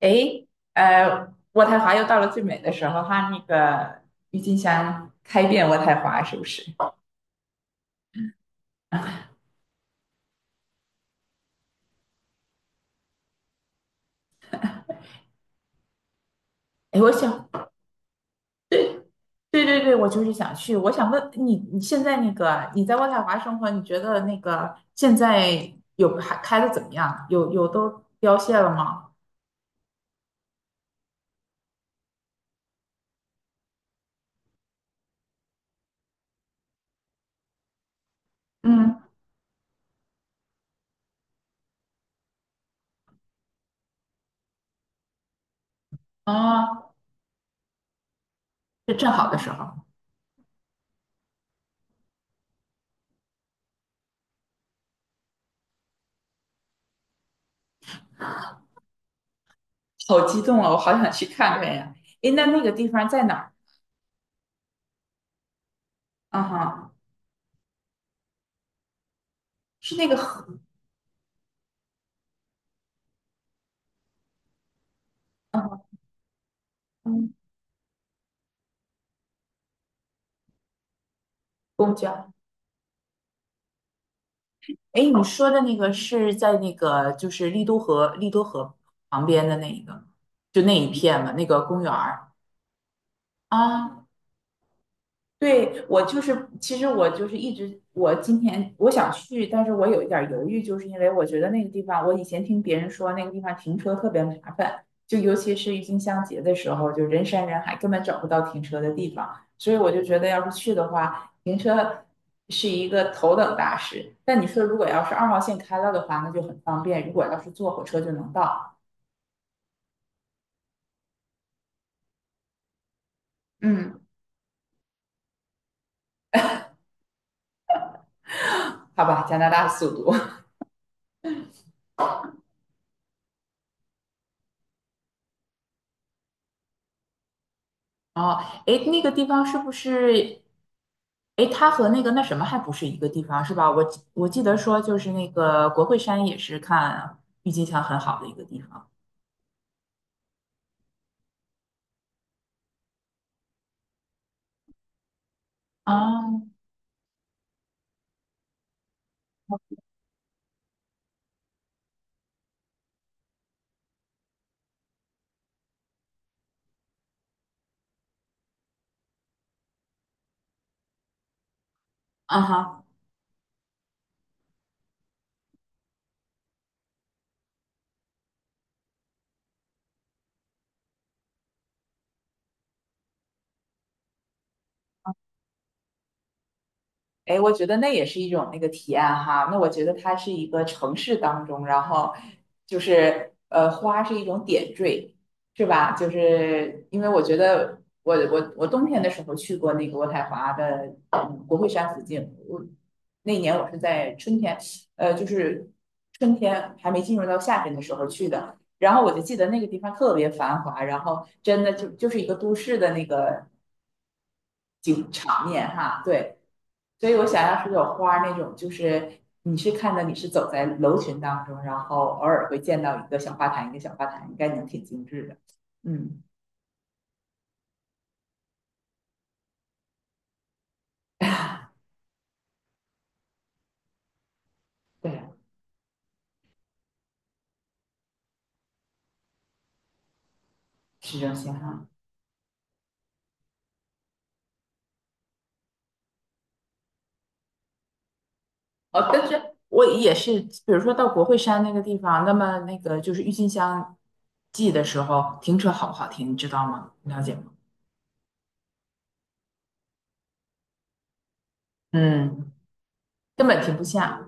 诶，呃，渥太华又到了最美的时候哈，那个郁金香开遍渥太华，是不是？诶，我想，对对对，我就是想去。我想问你，你现在那个你在渥太华生活，你觉得那个现在有还开的怎么样？有都凋谢了吗？嗯。啊，是正好的时候。好激动啊！我好想去看看呀。诶，那那个地方在哪儿？啊哈，是那个河。嗯，嗯公交。哎，你说的那个是在那个就是丽都河旁边的那一个，就那一片嘛，那个公园儿啊。对，我就是，其实我就是一直，我今天我想去，但是我有一点儿犹豫，就是因为我觉得那个地方，我以前听别人说那个地方停车特别麻烦，就尤其是郁金香节的时候，就人山人海，根本找不到停车的地方，所以我就觉得要是去的话，停车是一个头等大事。但你说如果要是二号线开了的话，那就很方便，如果要是坐火车就能到。嗯，好吧，加拿大速度。哦，哎，那个地方是不是？哎，它和那个那什么还不是一个地方是吧？我记得说就是那个国会山也是看郁金香很好的一个地方。啊，啊哈。哎，我觉得那也是一种那个体验哈。那我觉得它是一个城市当中，然后就是花是一种点缀，是吧？就是因为我觉得我冬天的时候去过那个渥太华的国会山附近，我那年我是在春天，就是春天还没进入到夏天的时候去的。然后我就记得那个地方特别繁华，然后真的就就是一个都市的那个景场面哈，对。所以我想要是有花儿那种，就是你是看到你是走在楼群当中，然后偶尔会见到一个小花坛，一个小花坛，应该能挺精致的。嗯。对，市中心哈。哦，但是我也是，比如说到国会山那个地方，那么那个就是郁金香季的时候，停车好不好停，你知道吗？你了解吗？嗯，根本停不下。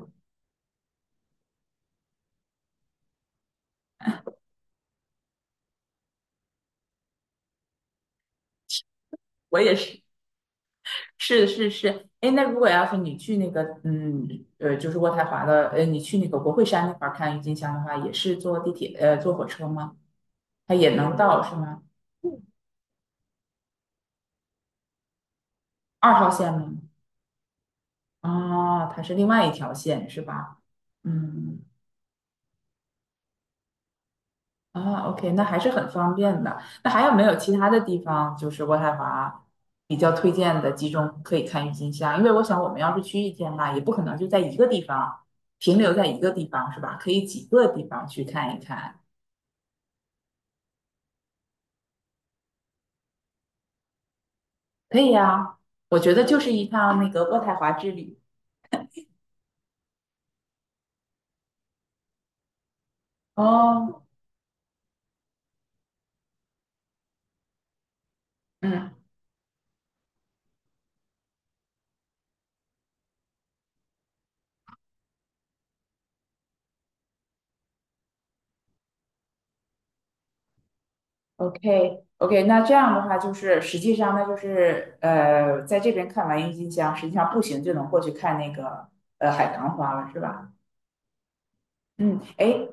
我也是。是是是，哎，那如果要是你去那个，就是渥太华的，你去那个国会山那块儿看郁金香的话，也是坐地铁，坐火车吗？它也能到是吗？二号线吗？哦，它是另外一条线是吧？嗯，啊，OK,那还是很方便的。那还有没有其他的地方，就是渥太华比较推荐的集中可以看郁金香？因为我想我们要是去1天吧，也不可能就在一个地方停留在一个地方是吧？可以几个地方去看一看。可以呀，我觉得就是一趟那个渥太华之旅。哦，嗯，OK OK,那这样的话就是实际上那就是在这边看完郁金香，实际上步行就能过去看那个海棠花了，是吧？嗯，哎，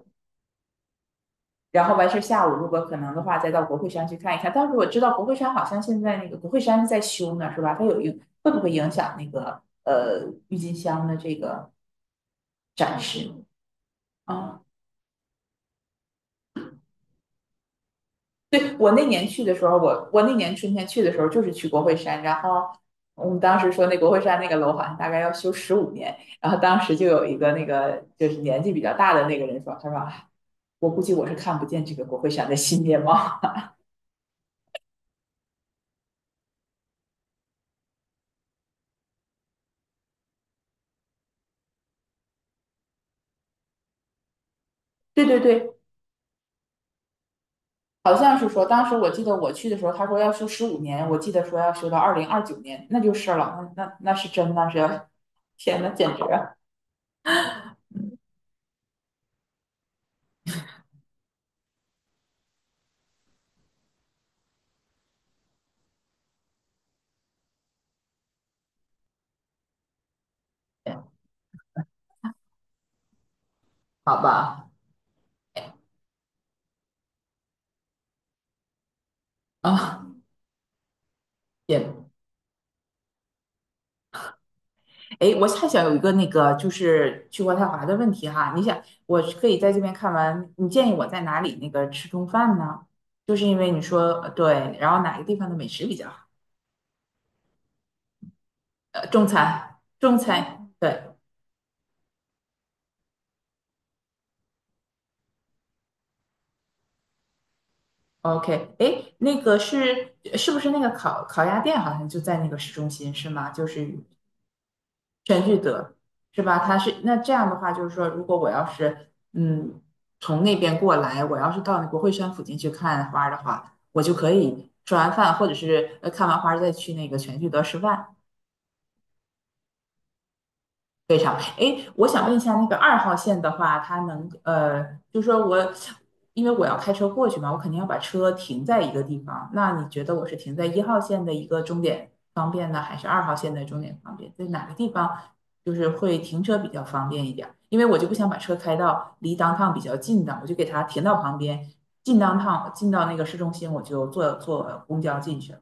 然后完事儿下午如果可能的话，再到国会山去看一看。但是我知道国会山好像现在那个国会山是在修呢，是吧？它有影会不会影响那个郁金香的这个展示？哦，对，我那年去的时候，我那年春天去的时候就是去国会山，然后我们当时说那国会山那个楼好像大概要修十五年，然后当时就有一个那个就是年纪比较大的那个人说，他说哎我估计我是看不见这个国会山的新面貌。对对对，好像是说当时我记得我去的时候，他说要修十五年，我记得说要修到2029年，那就是了，那是真那是要，天呐，简直啊！好吧，啊，也哎，我还想有一个那个就是去渥太华的问题哈，你想我是可以在这边看完，你建议我在哪里那个吃中饭呢？就是因为你说对，然后哪个地方的美食比较好？中餐，中餐，对，OK,哎，那个是是不是那个烤鸭店好像就在那个市中心是吗？就是全聚德是吧？它是那这样的话，就是说，如果我要是从那边过来，我要是到国会山附近去看花儿的话，我就可以吃完饭，或者是看完花儿再去那个全聚德吃饭。非常，哎，我想问一下，那个二号线的话，它能就说我，因为我要开车过去嘛，我肯定要把车停在一个地方。那你觉得我是停在1号线的一个终点方便呢，还是二号线的终点方便？在哪个地方就是会停车比较方便一点儿？因为我就不想把车开到离 downtown 比较近的，我就给它停到旁边，进 downtown,进到那个市中心，我就坐公交进去了。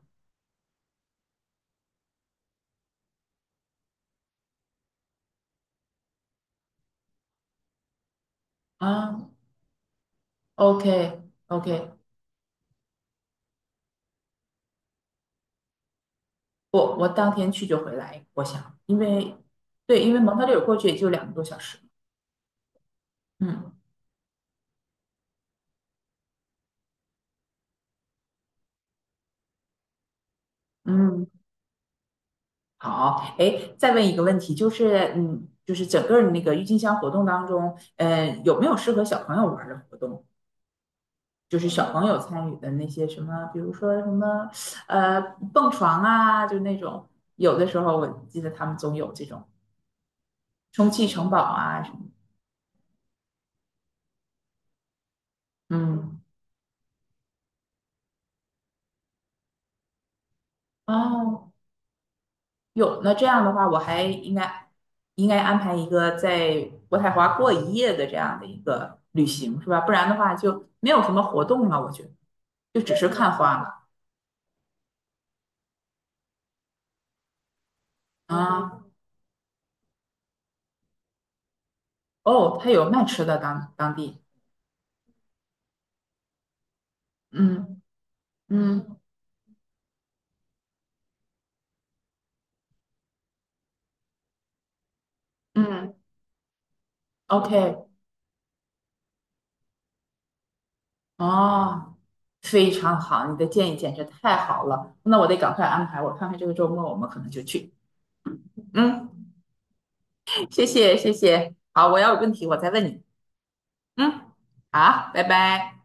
啊，OK OK,我当天去就回来，我想，因为对，因为蒙特利尔过去也就2个多小时。嗯嗯，好，哎，再问一个问题，就是嗯，就是整个那个郁金香活动当中，有没有适合小朋友玩儿的活动？就是小朋友参与的那些什么，比如说什么呃蹦床啊，就那种，有的时候我记得他们总有这种充气城堡啊什么。嗯，哦，有，那这样的话，我还应该安排一个在渥太华过一夜的这样的一个旅行，是吧？不然的话就没有什么活动了，我觉得就只是看花了啊。哦，他有卖吃的当地，嗯嗯嗯，OK,哦，非常好，你的建议简直太好了，那我得赶快安排，我看看这个周末我们可能就去。嗯，谢谢，好，我要有问题我再问你。嗯，好，拜拜。